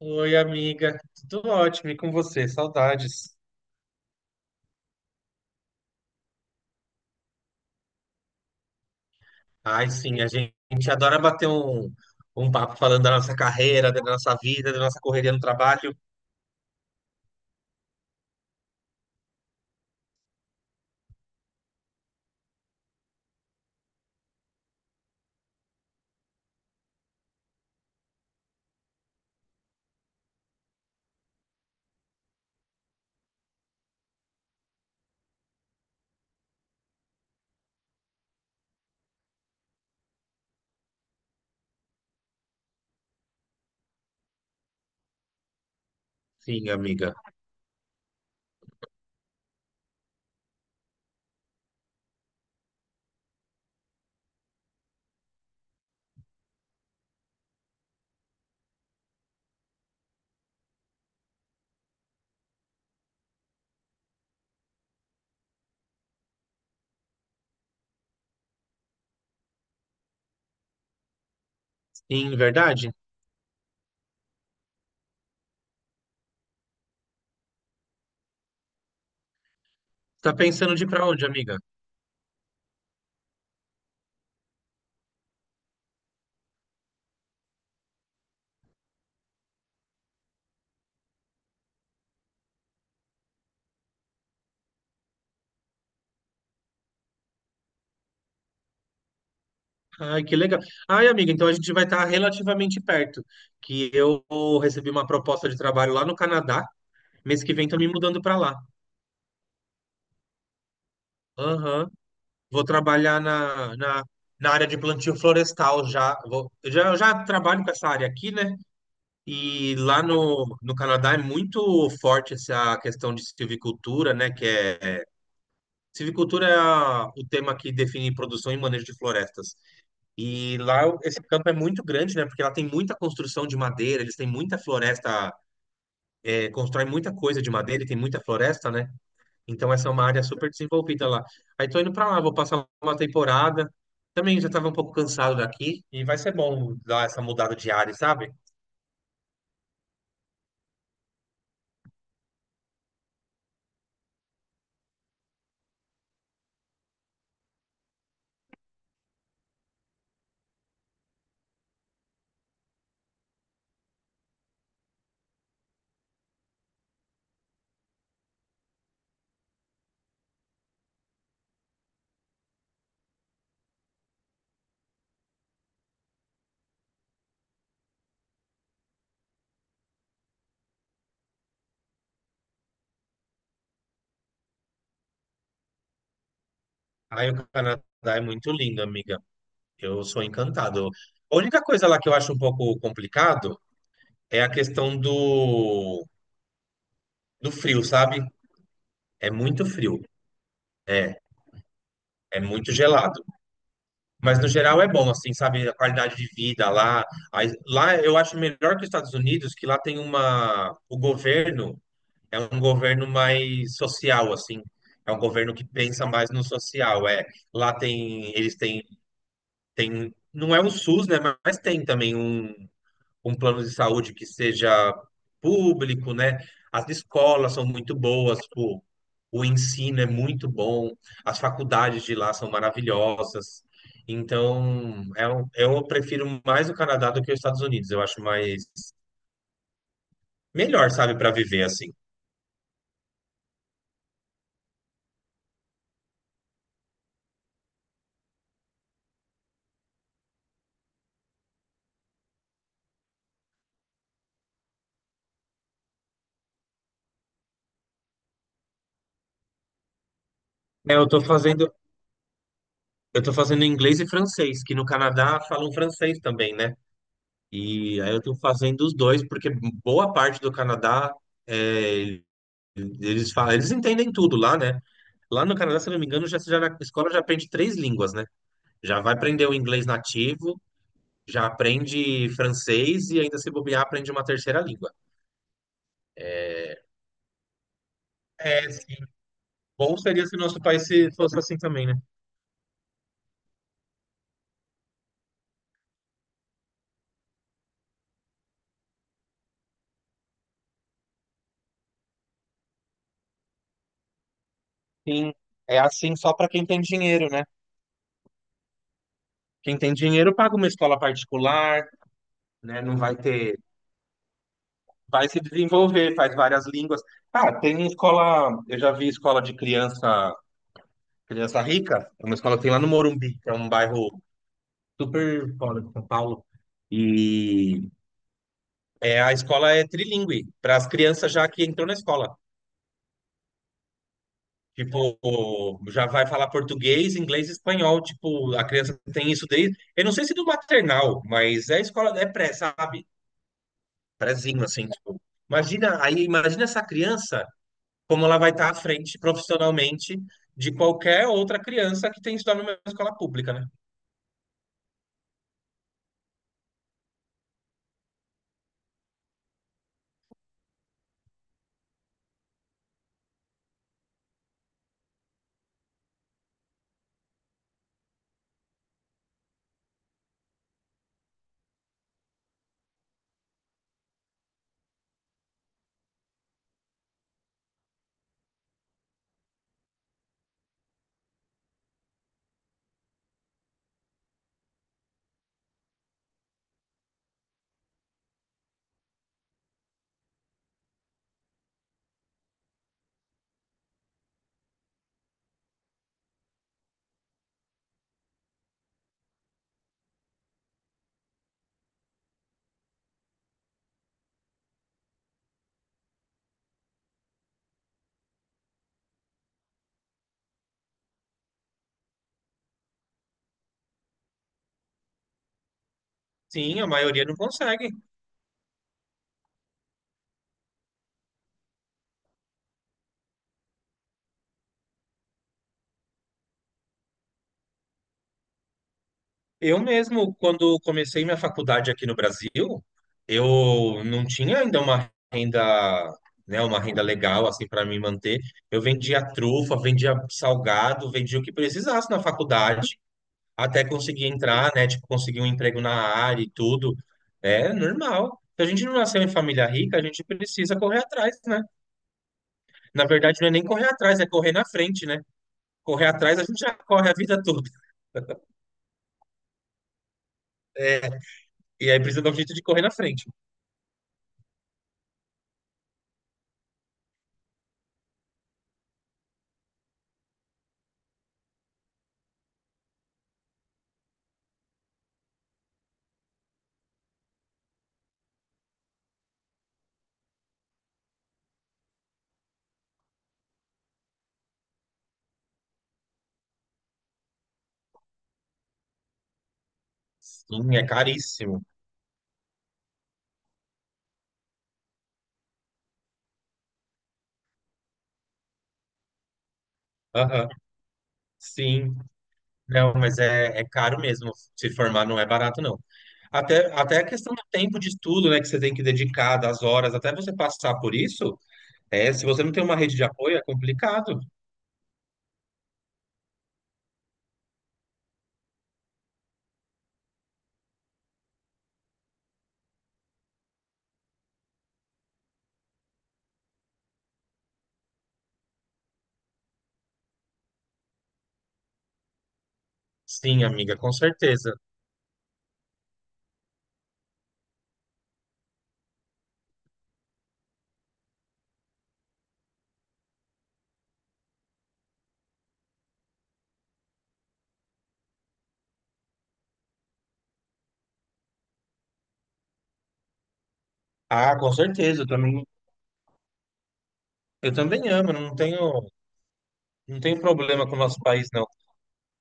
Oi, amiga. Tudo ótimo, e com você? Saudades. Ai, sim, a gente adora bater um papo falando da nossa carreira, da nossa vida, da nossa correria no trabalho. Sim, amiga. Sim, verdade. Tá pensando de ir pra onde, amiga? Ai, que legal. Ai, amiga, então a gente vai estar relativamente perto, que eu recebi uma proposta de trabalho lá no Canadá. Mês que vem tô me mudando pra lá. Aham. Vou trabalhar na área de plantio florestal já. Eu já trabalho com essa área aqui, né? E lá no Canadá é muito forte essa questão de silvicultura, né? Que é Silvicultura é o tema que define produção e manejo de florestas. E lá esse campo é muito grande, né? Porque lá tem muita construção de madeira, eles têm muita floresta, é, constroem muita coisa de madeira e tem muita floresta, né? Então essa é uma área super desenvolvida lá. Aí tô indo para lá, vou passar uma temporada. Também já estava um pouco cansado daqui e vai ser bom dar essa mudada de área, sabe? Aí o Canadá é muito lindo, amiga. Eu sou encantado. A única coisa lá que eu acho um pouco complicado é a questão do frio, sabe? É muito frio, é muito gelado. Mas no geral é bom, assim, sabe? A qualidade de vida lá. Lá eu acho melhor que os Estados Unidos, que lá tem uma. O governo é um governo mais social, assim. É um governo que pensa mais no social. É, lá tem. Eles têm. Tem, não é o SUS, né? Mas tem também um. Um plano de saúde que seja público, né? As escolas são muito boas, o ensino é muito bom, as faculdades de lá são maravilhosas. Então, é eu prefiro mais o Canadá do que os Estados Unidos. Eu acho mais melhor, sabe, para viver assim. É, eu tô fazendo, eu tô fazendo inglês e francês, que no Canadá falam francês também, né? E aí eu tô fazendo os dois, porque boa parte do Canadá é, eles falam, eles entendem tudo lá, né? Lá no Canadá, se eu não me engano, já na escola já aprende três línguas, né? Já vai aprender o inglês nativo, já aprende francês e ainda se bobear aprende uma terceira língua. É, sim. Bom seria se o nosso país fosse assim também, né? Sim, é assim só para quem tem dinheiro, né? Quem tem dinheiro paga uma escola particular, né? Não vai ter, vai se desenvolver, faz várias línguas. Ah, tem escola, eu já vi escola de criança, criança rica, é uma escola que tem lá no Morumbi, que é um bairro super fora de São Paulo. E é, a escola é trilingüe, para as crianças já que entrou na escola. Tipo, já vai falar português, inglês e espanhol. Tipo, a criança tem isso desde. Eu não sei se do maternal, mas é escola, é pré, sabe? Prézinho, assim, tipo. Imagina, aí, imagina essa criança, como ela vai estar à frente profissionalmente de qualquer outra criança que tem estudado numa escola pública, né? Sim, a maioria não consegue. Eu mesmo, quando comecei minha faculdade aqui no Brasil, eu não tinha ainda uma renda, né, uma renda legal assim para me manter. Eu vendia trufa, vendia salgado, vendia o que precisasse na faculdade, até conseguir entrar, né, tipo conseguir um emprego na área e tudo. É normal. Se a gente não nasceu em família rica, a gente precisa correr atrás, né? Na verdade, não é nem correr atrás, é correr na frente, né? Correr atrás, a gente já corre a vida toda. E aí precisa dar um jeito de correr na frente. Sim, é caríssimo. Aham, sim. Não, mas é caro mesmo. Se formar não é barato, não. Até a questão do tempo de estudo, né, que você tem que dedicar, das horas, até você passar por isso, é, se você não tem uma rede de apoio, é complicado. Sim, amiga, com certeza. Ah, com certeza, eu também amo, não tenho, não tenho problema com o nosso país, não.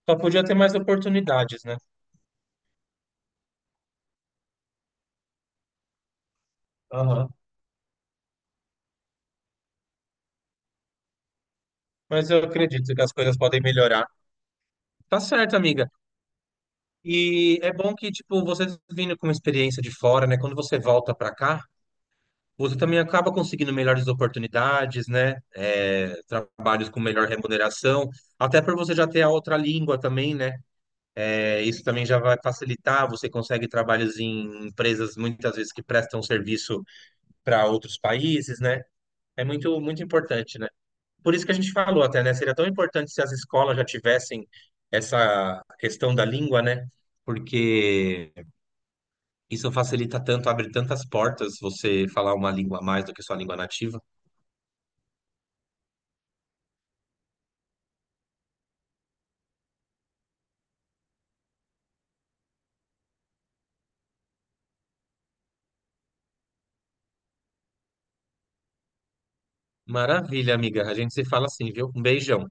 Só podia ter. E é bom que, tipo, vocês vindo com uma experiência de fora, né? Quando você volta para cá, você também acaba conseguindo melhores oportunidades, né? É, trabalhos com melhor remuneração, até para você já ter a outra língua também, né? É, isso também já vai facilitar. Você consegue trabalhos em empresas muitas vezes que prestam serviço para outros países, né? É muito, muito importante, né? Por isso que a gente falou até, né? Seria tão importante se as escolas já tivessem essa questão da língua, né? Porque isso facilita tanto, abre tantas portas você falar uma língua a mais do que sua língua nativa. Maravilha, amiga. A gente se fala assim, viu? Um beijão.